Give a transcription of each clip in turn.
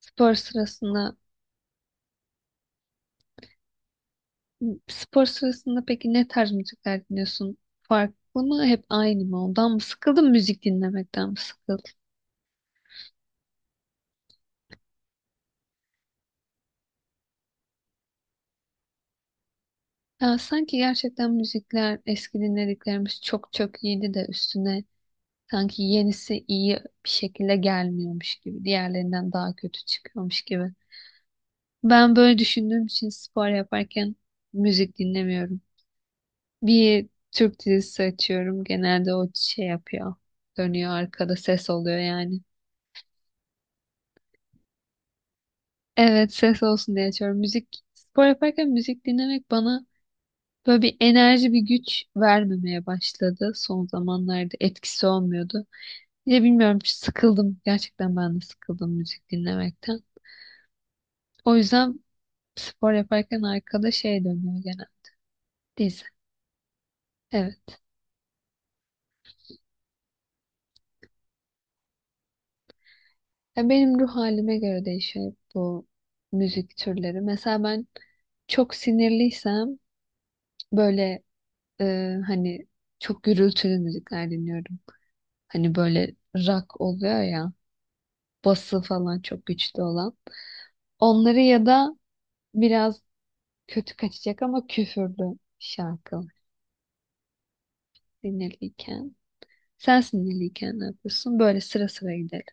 Spor sırasında, Spor sırasında peki ne tarz müzikler dinliyorsun? Farklı mı, hep aynı mı? Ondan mı sıkıldın, müzik dinlemekten mi sıkıldın? Ya sanki gerçekten müzikler, eski dinlediklerimiz çok çok iyiydi de üstüne sanki yenisi iyi bir şekilde gelmiyormuş gibi, diğerlerinden daha kötü çıkıyormuş gibi. Ben böyle düşündüğüm için spor yaparken müzik dinlemiyorum. Bir Türk dizisi açıyorum, genelde o şey yapıyor, dönüyor arkada ses oluyor yani. Evet, ses olsun diye açıyorum. Müzik spor yaparken müzik dinlemek bana böyle bir enerji bir güç vermemeye başladı. Son zamanlarda etkisi olmuyordu. Ya bilmiyorum, sıkıldım. Gerçekten ben de sıkıldım müzik dinlemekten. O yüzden spor yaparken arkada şey dönüyor gene. Dizi. Evet. Ya benim ruh halime göre değişiyor bu müzik türleri. Mesela ben çok sinirliysem böyle e, hani çok gürültülü müzikler dinliyorum. Hani böyle rock oluyor ya. Bası falan çok güçlü olan. Onları ya da biraz kötü kaçacak ama küfürlü şarkı sinirliyken. Sen sinirliyken ne yapıyorsun? Böyle sıra sıra gidelim.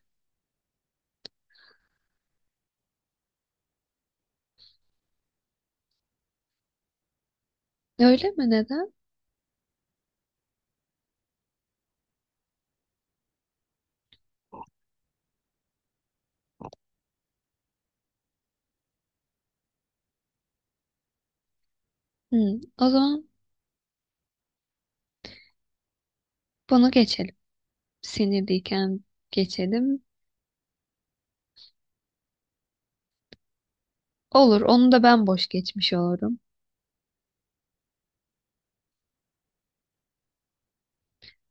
Öyle mi? Neden? Hı, o zaman bunu geçelim. Sinirliyken geçelim. Olur. Onu da ben boş geçmiş olurum.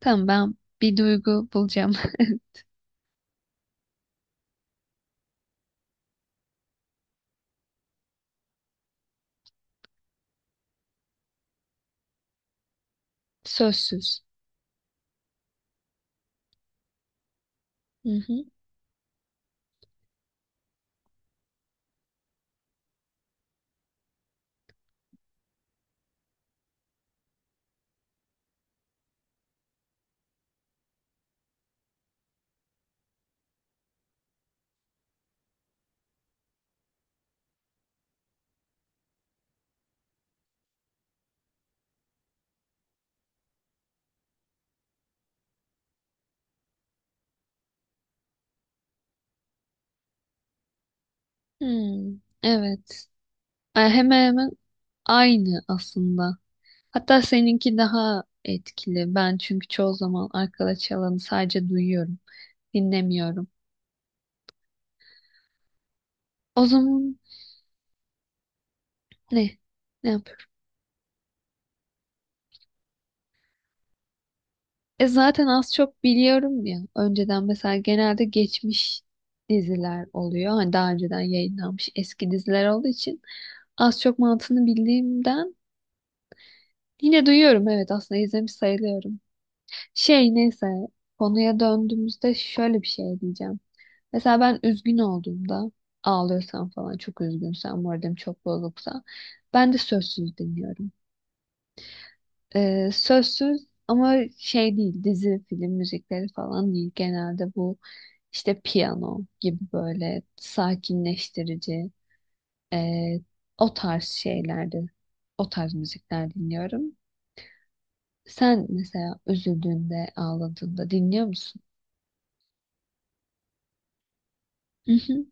Tamam, ben bir duygu bulacağım. Sözsüz. Hı hı. Hmm, evet. E, hemen hemen aynı aslında. Hatta seninki daha etkili. Ben çünkü çoğu zaman arkada çalanı sadece duyuyorum, dinlemiyorum. O zaman ne? Ne yapıyorum? E, zaten az çok biliyorum ya. Önceden mesela genelde geçmiş diziler oluyor. Hani daha önceden yayınlanmış eski diziler olduğu için az çok mantığını bildiğimden yine duyuyorum. Evet, aslında izlemiş sayılıyorum. Şey, neyse, konuya döndüğümüzde şöyle bir şey diyeceğim. Mesela ben üzgün olduğumda ağlıyorsam falan, çok üzgünsem, moralim çok bozuksa ben de sözsüz dinliyorum. Sözsüz ama şey değil, dizi film müzikleri falan değil genelde, bu işte piyano gibi böyle sakinleştirici ee, o tarz şeylerde o tarz müzikler dinliyorum. Sen mesela üzüldüğünde ağladığında dinliyor musun? Mhm.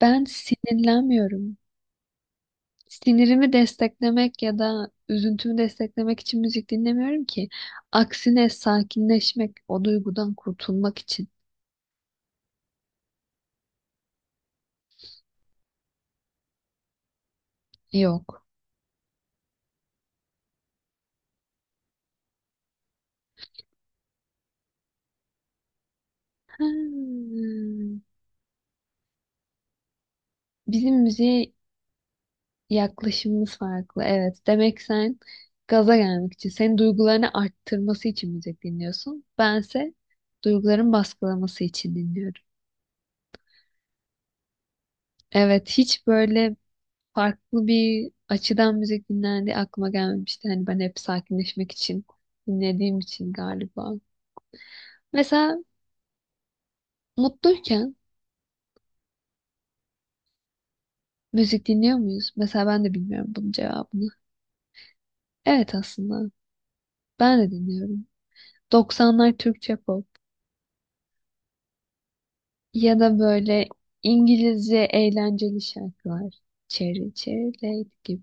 Ben sinirlenmiyorum. Sinirimi desteklemek ya da üzüntümü desteklemek için müzik dinlemiyorum ki. Aksine sakinleşmek, o duygudan kurtulmak için. Yok. Hmm. Bizim müziğe yaklaşımımız farklı. Evet. Demek sen gaza gelmek için, senin duygularını arttırması için müzik dinliyorsun. Bense duyguların baskılaması için dinliyorum. Evet, hiç böyle farklı bir açıdan müzik dinlendiği aklıma gelmemişti. Hani ben hep sakinleşmek için dinlediğim için galiba. Mesela mutluyken müzik dinliyor muyuz? Mesela ben de bilmiyorum bunun cevabını. Evet, aslında ben de dinliyorum. 90'lar Türkçe pop ya da böyle İngilizce eğlenceli şarkılar. Cherry Cherry Lady gibi.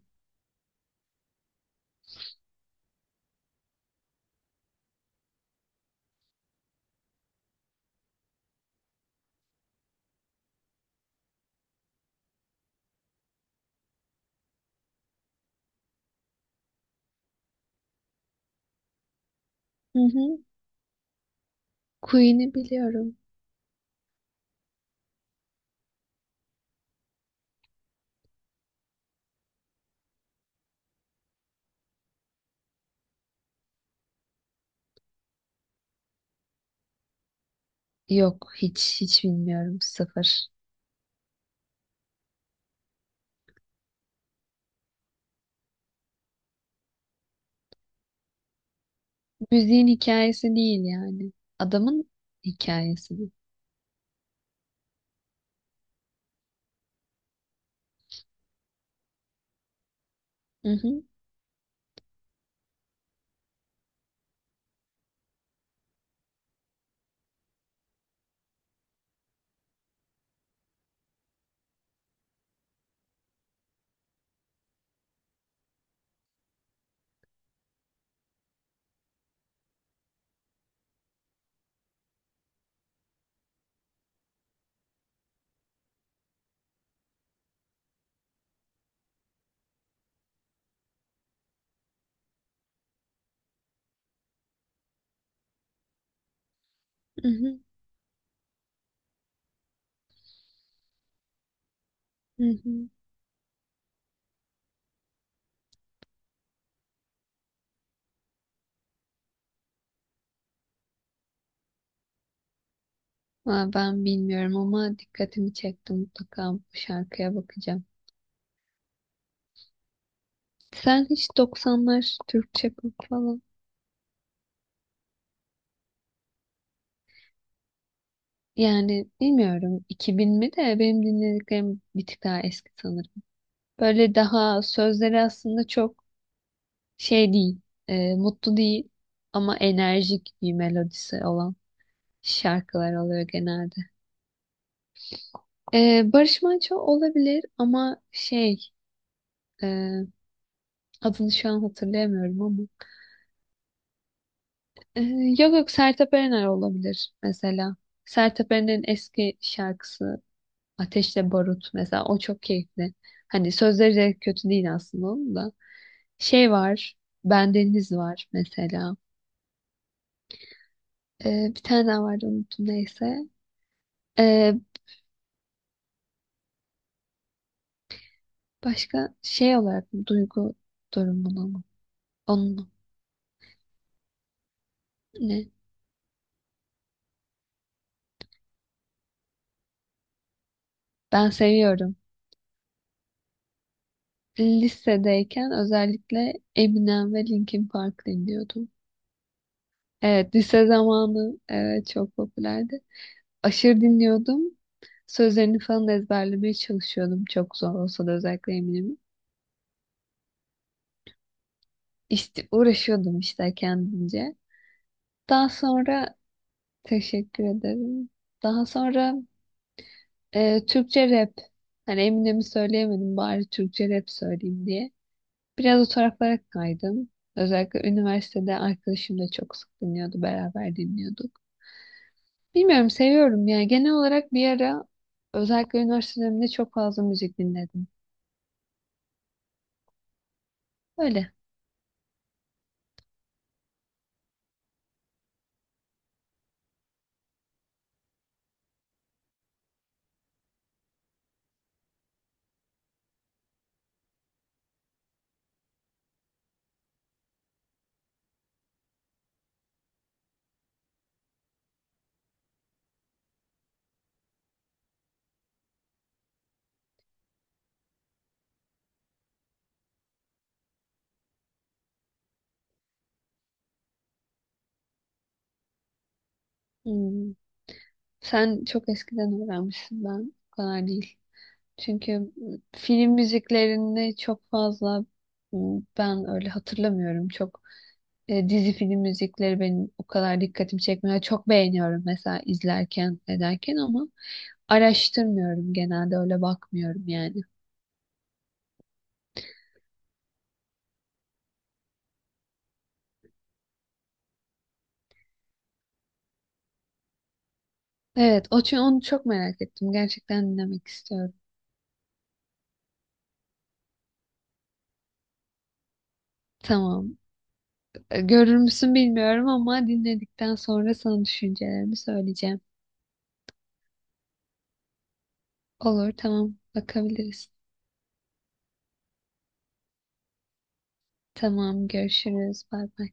Hı hı. Queen'i biliyorum. Yok, hiç hiç bilmiyorum, sıfır. Müziğin hikayesi değil yani. Adamın hikayesi bu. Hı hı, hı hı, hı hı. Aa, ben bilmiyorum ama dikkatimi çekti, mutlaka bu şarkıya bakacağım. Sen hiç 90'lar Türkçe pop falan, yani bilmiyorum, 2000 mi de, benim dinlediklerim bir tık daha eski sanırım. Böyle daha sözleri aslında çok şey değil, mutlu değil ama enerjik bir melodisi olan şarkılar oluyor genelde. Barış Manço olabilir ama şey, e, adını şu an hatırlayamıyorum ama Ee, yok yok, Sertab Erener olabilir mesela. Sertab Erener'in eski şarkısı Ateşle Barut mesela, o çok keyifli. Hani sözleri de kötü değil aslında onun da. Şey var, Bendeniz var mesela. Bir tane daha vardı, unuttum, neyse. Ee, başka şey olarak mı? Duygu durumunu mu? Onun mu? Ne? Ben seviyorum. Lisedeyken özellikle Eminem ve Linkin Park dinliyordum. Evet, lise zamanı, evet, çok popülerdi. Aşırı dinliyordum. Sözlerini falan ezberlemeye çalışıyordum. Çok zor olsa da, özellikle Eminem'in. İşte uğraşıyordum işte kendince. Daha sonra teşekkür ederim. Daha sonra Türkçe rap. Hani Eminem'i söyleyemedim, bari Türkçe rap söyleyeyim diye. Biraz o taraflara kaydım. Özellikle üniversitede arkadaşım da çok sık dinliyordu. Beraber dinliyorduk. Bilmiyorum, seviyorum yani. Genel olarak bir ara, özellikle üniversite döneminde çok fazla müzik dinledim. Öyle. Hmm. Sen çok eskiden öğrenmişsin, ben o kadar değil. Çünkü film müziklerini çok fazla ben öyle hatırlamıyorum. Çok dizi film müzikleri benim o kadar dikkatimi çekmiyor. Çok beğeniyorum mesela izlerken ederken ama araştırmıyorum genelde, öyle bakmıyorum yani. Evet, o, çünkü onu çok merak ettim. Gerçekten dinlemek istiyorum. Tamam. E, görür müsün bilmiyorum ama dinledikten sonra sana düşüncelerimi söyleyeceğim. Olur, tamam. Bakabiliriz. Tamam, görüşürüz. Bay bay.